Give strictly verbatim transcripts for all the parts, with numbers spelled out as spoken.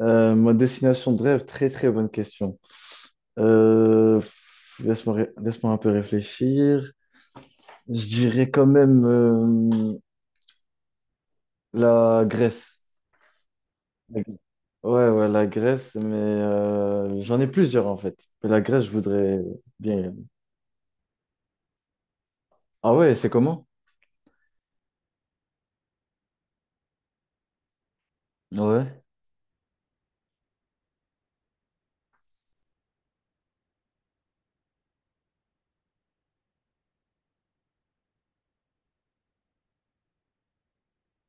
Euh, ma destination de rêve, très très bonne question. Euh, pff, laisse-moi ré- laisse-moi un peu réfléchir. Je dirais quand même euh, la Grèce. La- Ouais, ouais, la Grèce, mais euh, j'en ai plusieurs en fait. Mais la Grèce, je voudrais bien. Y aller. Ah ouais, c'est comment? Ouais.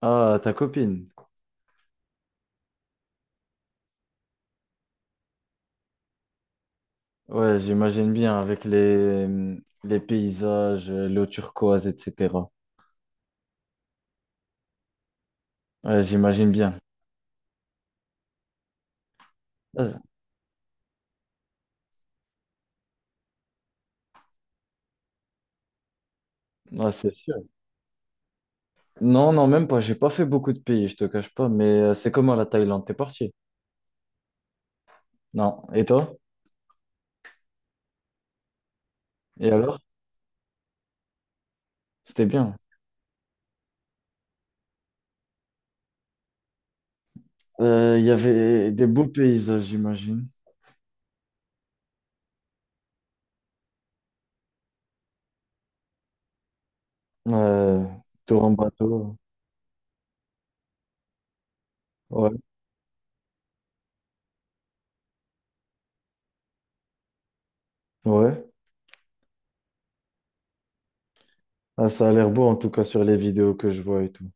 Ah, ta copine. Ouais, j'imagine bien avec les, les paysages, l'eau turquoise, et cætera. Ouais, j'imagine bien. Ah, ah, c'est sûr. Non, non, même pas. J'ai pas fait beaucoup de pays, je te cache pas. Mais euh, c'est comment la Thaïlande? T'es parti? Non. Et toi? Et alors? C'était bien. Euh, Il y avait des beaux paysages, j'imagine. Euh, tour en bateau. Ouais, ouais. Ah, ça a l'air beau, en tout cas, sur les vidéos que je vois et tout.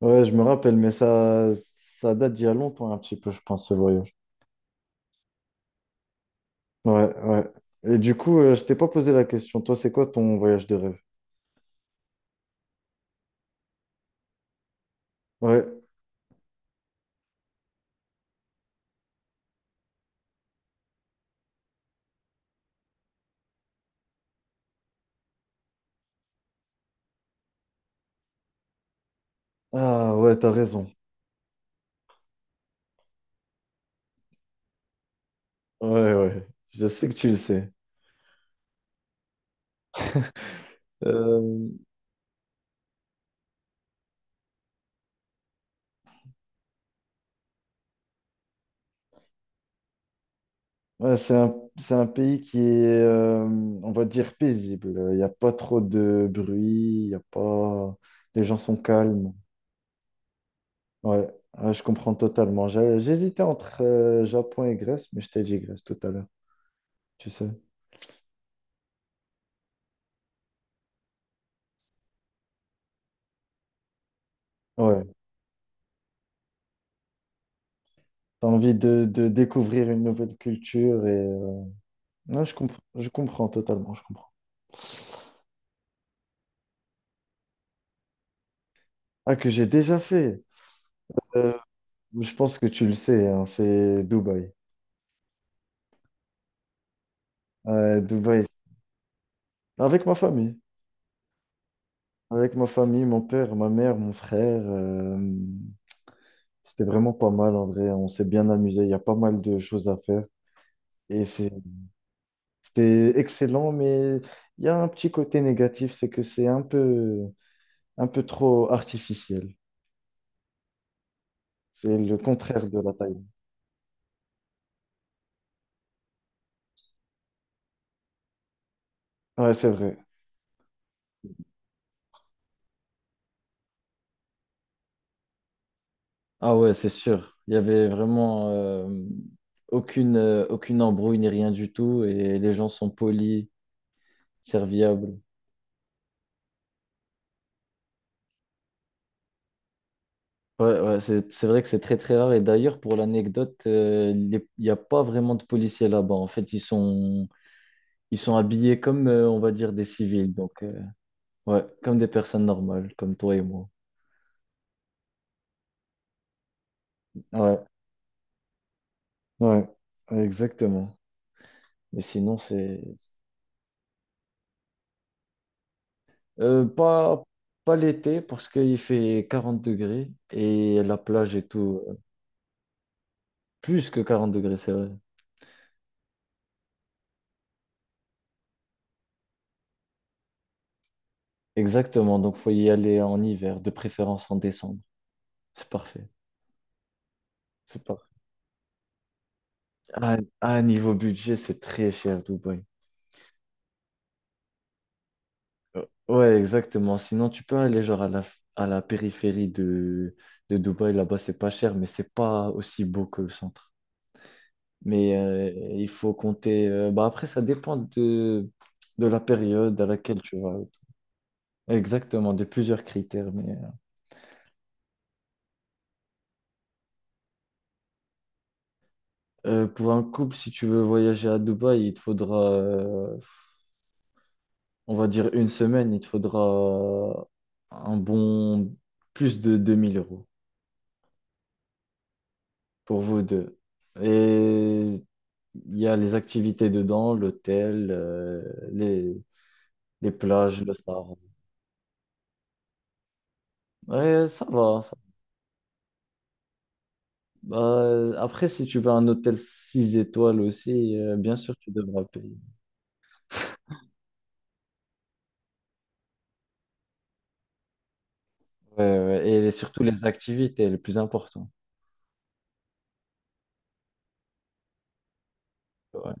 Ouais, je me rappelle, mais ça, ça date d'il y a longtemps, un petit peu, je pense, ce voyage. Ouais, ouais. Et du coup, euh, je t'ai pas posé la question. Toi, c'est quoi ton voyage de rêve? Ouais. Ah, ouais, t'as raison. Ouais, ouais. Je sais que tu le sais. Euh, Ouais, c'est un, c'est un pays qui est, euh, on va dire, paisible. Il n'y a pas trop de bruit, il y a pas... les gens sont calmes. Ouais, ouais, je comprends totalement. J'ai- J'hésitais entre euh, Japon et Grèce, mais je t'ai dit Grèce tout à l'heure, tu sais. Ouais, t'as envie de, de découvrir une nouvelle culture et... euh, Non, je comprends, je comprends totalement, je comprends. Ah, que j'ai déjà fait. Euh, je pense que tu le sais, hein, c'est Dubaï. Euh, Dubaï, avec ma famille. Avec ma famille, mon père, ma mère, mon frère, euh, c'était vraiment pas mal en vrai. On s'est bien amusé. Il y a pas mal de choses à faire. Et c'est, c'était excellent, mais il y a un petit côté négatif, c'est que c'est un peu, un peu trop artificiel. C'est le contraire de la taille. Ouais, c'est vrai. Ah ouais, c'est sûr. Il y avait vraiment euh, aucune, euh, aucune embrouille ni rien du tout et les gens sont polis, serviables. Ouais, ouais, c'est, c'est vrai que c'est très très rare. Et d'ailleurs, pour l'anecdote, euh, les- il n'y a pas vraiment de policiers là-bas. En fait, ils sont, ils sont habillés comme, euh, on va dire, des civils. Donc, euh, ouais, comme des personnes normales, comme toi et moi. Ouais, ouais, exactement. Mais sinon, c'est euh, pas, pas l'été parce qu'il fait quarante degrés et la plage et tout, euh, plus que quarante degrés, c'est vrai. Exactement. Donc, faut y aller en hiver, de préférence en décembre. C'est parfait. C'est parfait. Ah, ah, niveau budget, c'est très cher, Dubaï. Euh, Ouais, exactement. Sinon, tu peux aller genre à la, f- à la périphérie de, de Dubaï. Là-bas, c'est pas cher, mais c'est pas aussi beau que le centre. Mais euh, il faut compter. euh, bah, après, ça dépend de, de la période à laquelle tu vas. Exactement, de plusieurs critères. Mais euh, euh, pour un couple, si tu veux voyager à Dubaï, il te faudra, euh, on va dire, une semaine. Il te faudra un bon plus de deux mille euros. Pour vous deux. Et il y a les activités dedans, l'hôtel, euh, les, les plages, le Sahara. Ouais, ça va. Ça va. Euh, après, si tu veux un hôtel six étoiles aussi, euh, bien sûr, tu devras payer. Ouais, ouais, et surtout les activités, le plus important. Ouais.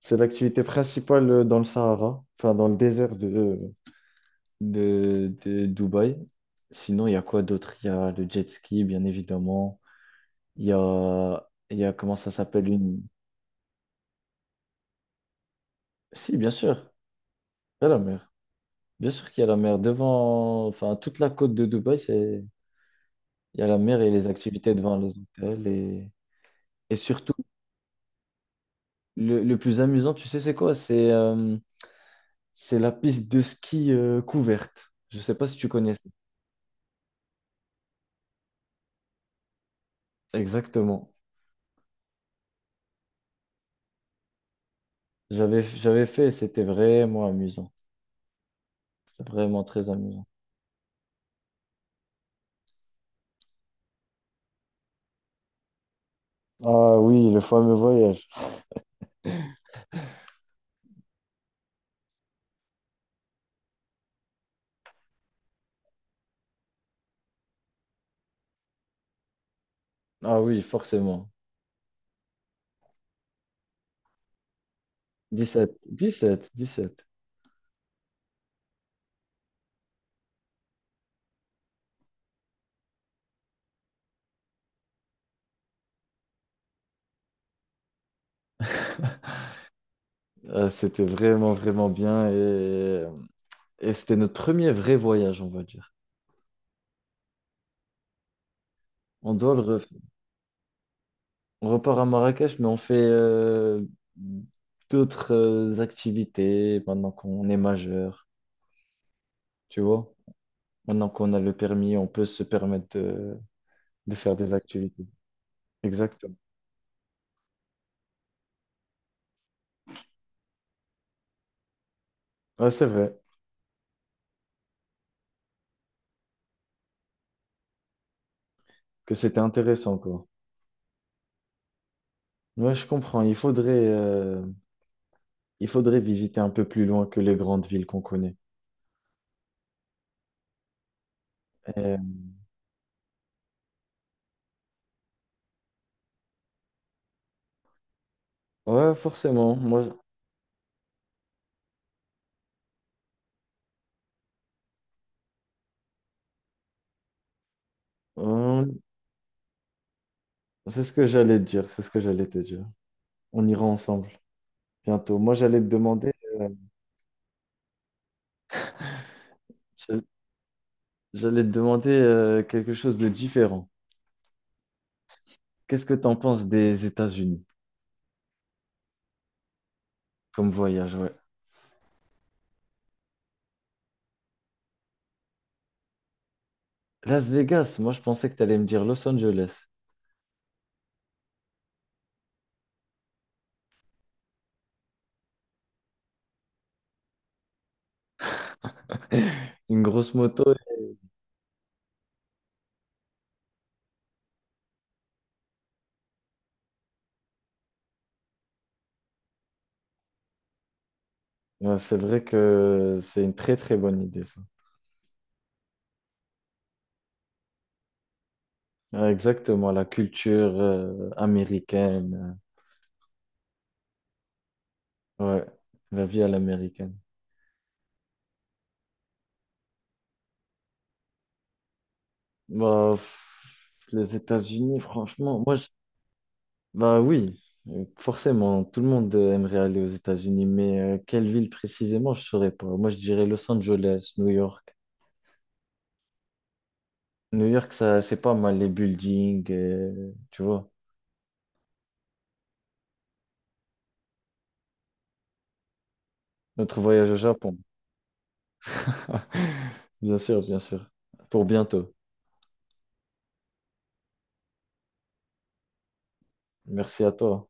C'est l'activité principale euh, dans le Sahara, enfin dans le désert de, de, de Dubaï. Sinon, il y a quoi d'autre? Il y a le jet ski, bien évidemment. Il y a, il y a comment ça s'appelle une, si, bien sûr, il y a la mer. Bien sûr qu'il y a la mer. Devant, enfin, toute la côte de Dubaï, c'est... il y a la mer et les activités devant les hôtels. Et, et surtout, le, le plus amusant, tu sais, c'est quoi? C'est euh, c'est la piste de ski euh, couverte. Je sais pas si tu connais ça. Exactement. J'avais, j'avais fait et c'était vraiment amusant. C'était vraiment très amusant. Ah oui, le fameux voyage. Ah oui, forcément. Dix-sept, dix-sept, dix-sept. Euh, c'était vraiment, vraiment bien et, et c'était notre premier vrai voyage, on va dire. On doit le refaire. On repart à Marrakech, mais on fait euh, d'autres euh, activités maintenant qu'on est majeur, tu vois. Maintenant qu'on a le permis, on peut se permettre de, de faire des activités. Exactement. Ouais, c'est vrai que c'était intéressant, quoi. Ouais, je comprends. Il faudrait, euh, Il faudrait visiter un peu plus loin que les grandes villes qu'on connaît. Et- Ouais, forcément. Moi, je- euh, c'est ce que j'allais te dire. C'est ce que j'allais te dire. On ira ensemble bientôt. Moi, j'allais te demander, euh, j'allais j'allais te demander euh, quelque chose de différent. Qu'est-ce que tu en penses des États-Unis comme voyage? Ouais. Las Vegas. Moi, je pensais que tu allais me dire Los Angeles. Une grosse moto. Ouais, c'est vrai que c'est une très très bonne idée, ça. Ouais, exactement, la culture euh, américaine. Ouais, la vie à l'américaine. Bah, pff, les États-Unis, franchement, moi, je- bah oui, euh, forcément, tout le monde euh, aimerait aller aux États-Unis, mais euh, quelle ville précisément, je saurais pas. Moi, je dirais Los Angeles, New York. New York, ça, c'est pas mal, les buildings, euh, tu vois. Notre voyage au Japon. Bien sûr, bien sûr. Pour bientôt. Merci à toi.